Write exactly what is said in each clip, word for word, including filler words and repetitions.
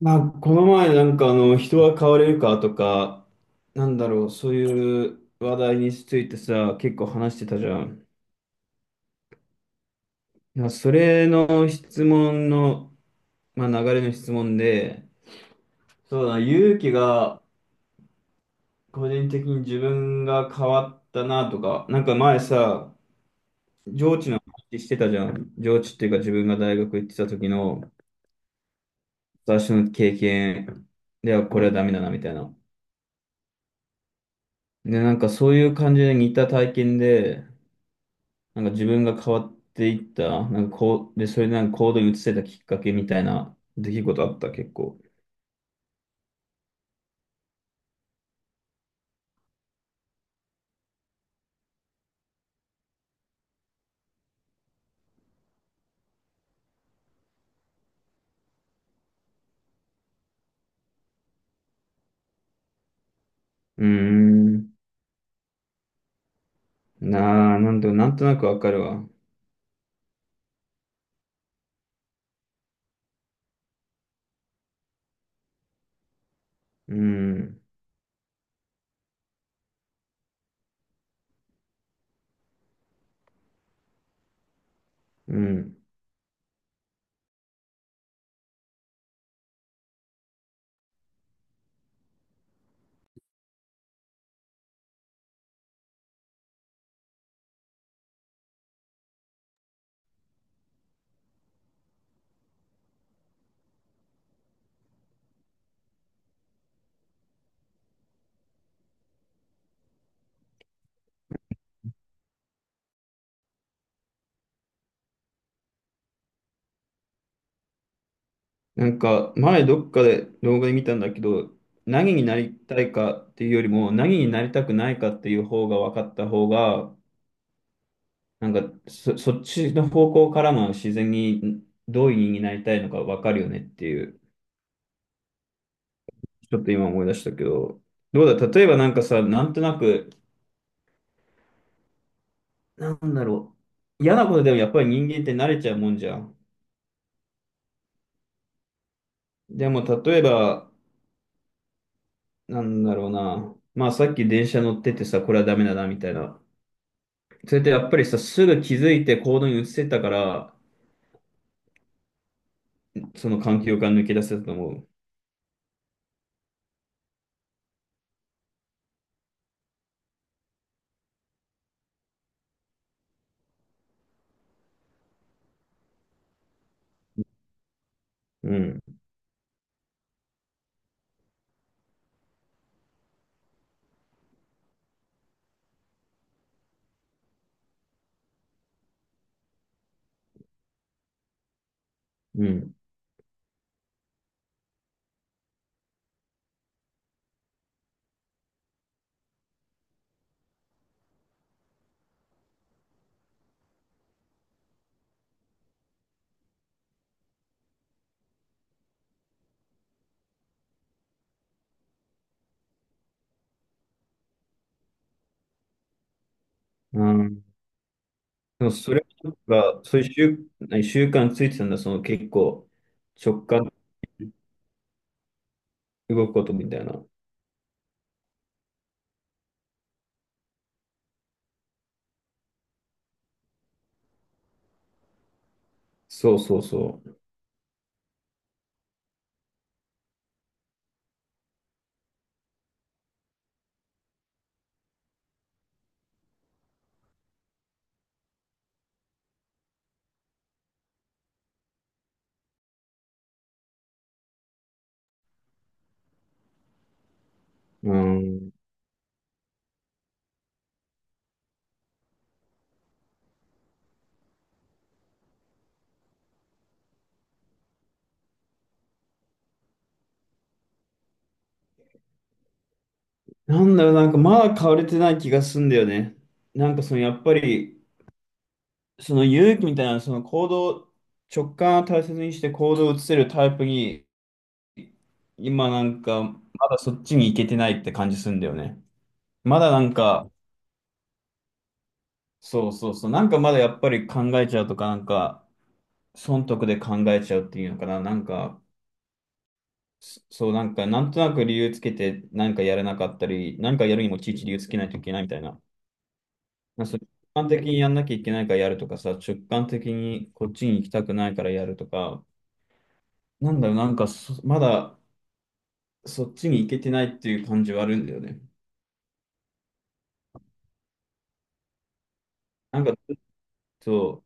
まあ、この前なんかあの人は変われるかとか、なんだろう、そういう話題についてさ、結構話してたじゃん。いやそれの質問の、まあ、流れの質問で、そうだな、勇気が個人的に自分が変わったなとか、なんか前さ、上智の話してたじゃん。上智っていうか自分が大学行ってた時の私の経験ではこれはダメだなみたいな。で、なんかそういう感じで似た体験で、なんか自分が変わっていった、なんかこう、で、それでなんか行動に移せたきっかけみたいな出来事あった、結構。うーん。なあ、なんと、なんとなくわかるわ。うーん。うん。なんか、前どっかで動画で見たんだけど、何になりたいかっていうよりも、何になりたくないかっていう方が分かった方が、なんかそ、そっちの方向からも自然にどういう人になりたいのか分かるよねっていう、ちょっと今思い出したけど、どうだ、例えばなんかさ、なんとなくなんだろう。嫌なことでもやっぱり人間って慣れちゃうもんじゃん。でも例えば、なんだろうな。まあさっき電車乗っててさ、これはダメだな、みたいな。それってやっぱりさ、すぐ気づいて行動に移せたから、その環境から抜け出せたと思う。うん。うん。うん。でもそれが、そういう習、何習慣ついてたんだ、その結構、直感で動くことみたいな。そうそうそう。うん。なんだろう、なんかまだ変われてない気がすんだよね。なんかそのやっぱり、その勇気みたいな、その行動、直感を大切にして行動を移せるタイプに、今なんか、まだそっちに行けてないって感じするんだよね。まだなんか、そうそうそう、なんかまだやっぱり考えちゃうとか、なんか、損得で考えちゃうっていうのかな、なんか、そそう、なんか、なんとなく理由つけて、なんかやれなかったり、なんかやるにもちいち理由つけないといけないみたいな。なんかそう直感的にやんなきゃいけないからやるとかさ、直感的にこっちに行きたくないからやるとか、なんだろう、なんかそまだ、そっちに行けてないっていう感じはあるんだよね。なんか、ちょっと、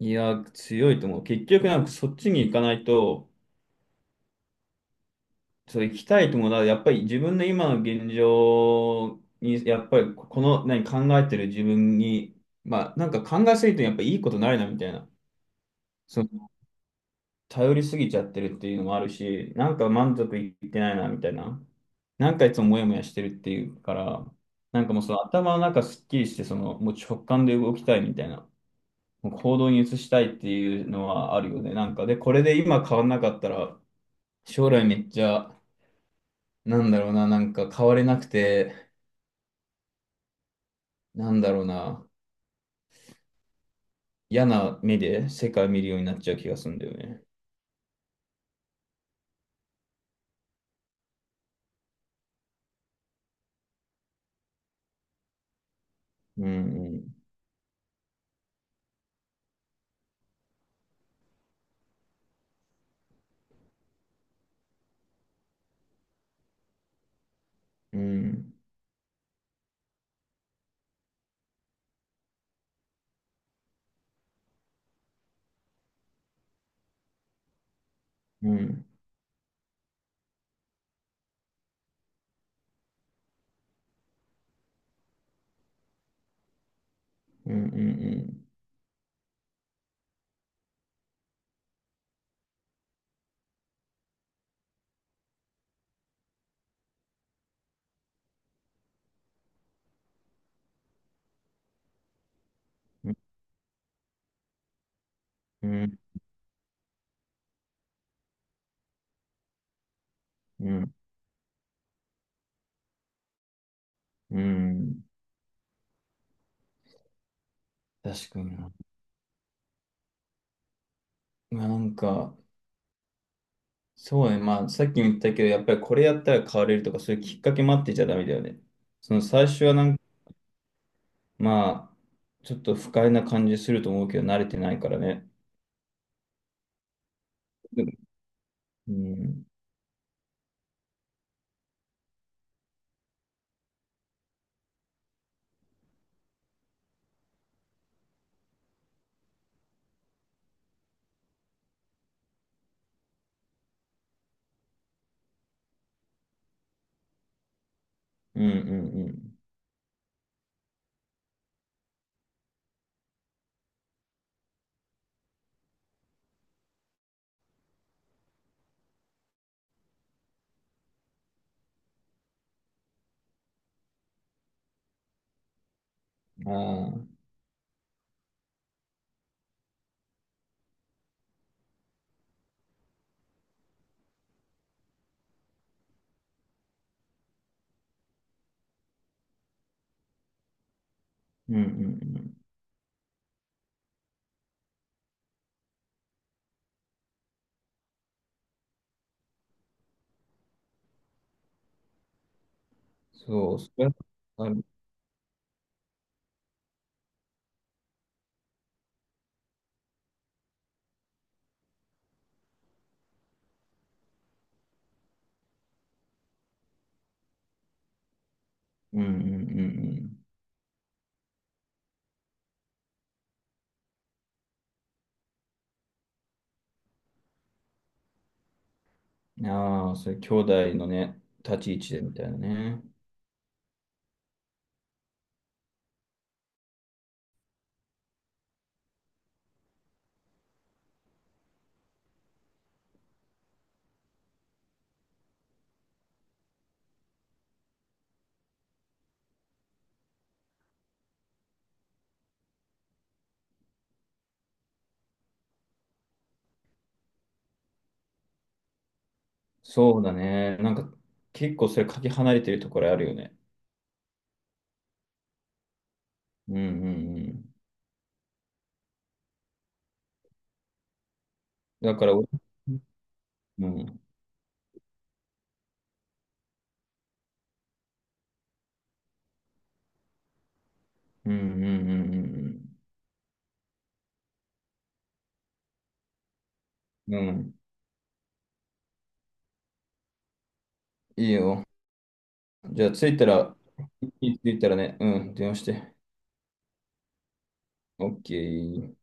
いや、強いと思う。結局、なんかそっちに行かないと、そう行きたいと思うなやっぱり自分の今の現状に、やっぱりこの、何、考えてる自分に、まあ、なんか考えすぎてやっぱいいことないな、みたいな。その、頼りすぎちゃってるっていうのもあるし、なんか満足いってないな、みたいな。なんかいつもモヤモヤしてるっていうから、なんかもうその頭の中すっきりして、その、もう直感で動きたいみたいな。行動に移したいっていうのはあるよね。なんか、で、これで今変わんなかったら、将来めっちゃ、なんだろうな、なんか変われなくて、なんだろうな、嫌な目で世界見るようになっちゃう気がするんだよね。うん、うん、うん、うん、うん、うん、うん、うん、うん、確かにな。まあ、なんか、そうね、まあ、さっきも言ったけど、やっぱりこれやったら変われるとか、そういうきっかけ待ってちゃダメだよね。その最初はなんかまあ、ちょっと不快な感じすると思うけど、慣れてないからね。うん、うん、うんうん。ああ、うん、うん、うん。そう、それはある。うん、うん、うん、うん。ああ、それ、兄弟のね、立ち位置でみたいなね。そうだね。なんか、結構それ、かけ離れてるところあるよね。うん、うん、うん。だから、俺うん、うん、うん、うん、うん。うん、いいよ。じゃあ、着いたら、着いたらね、うん、電話して。オッケー。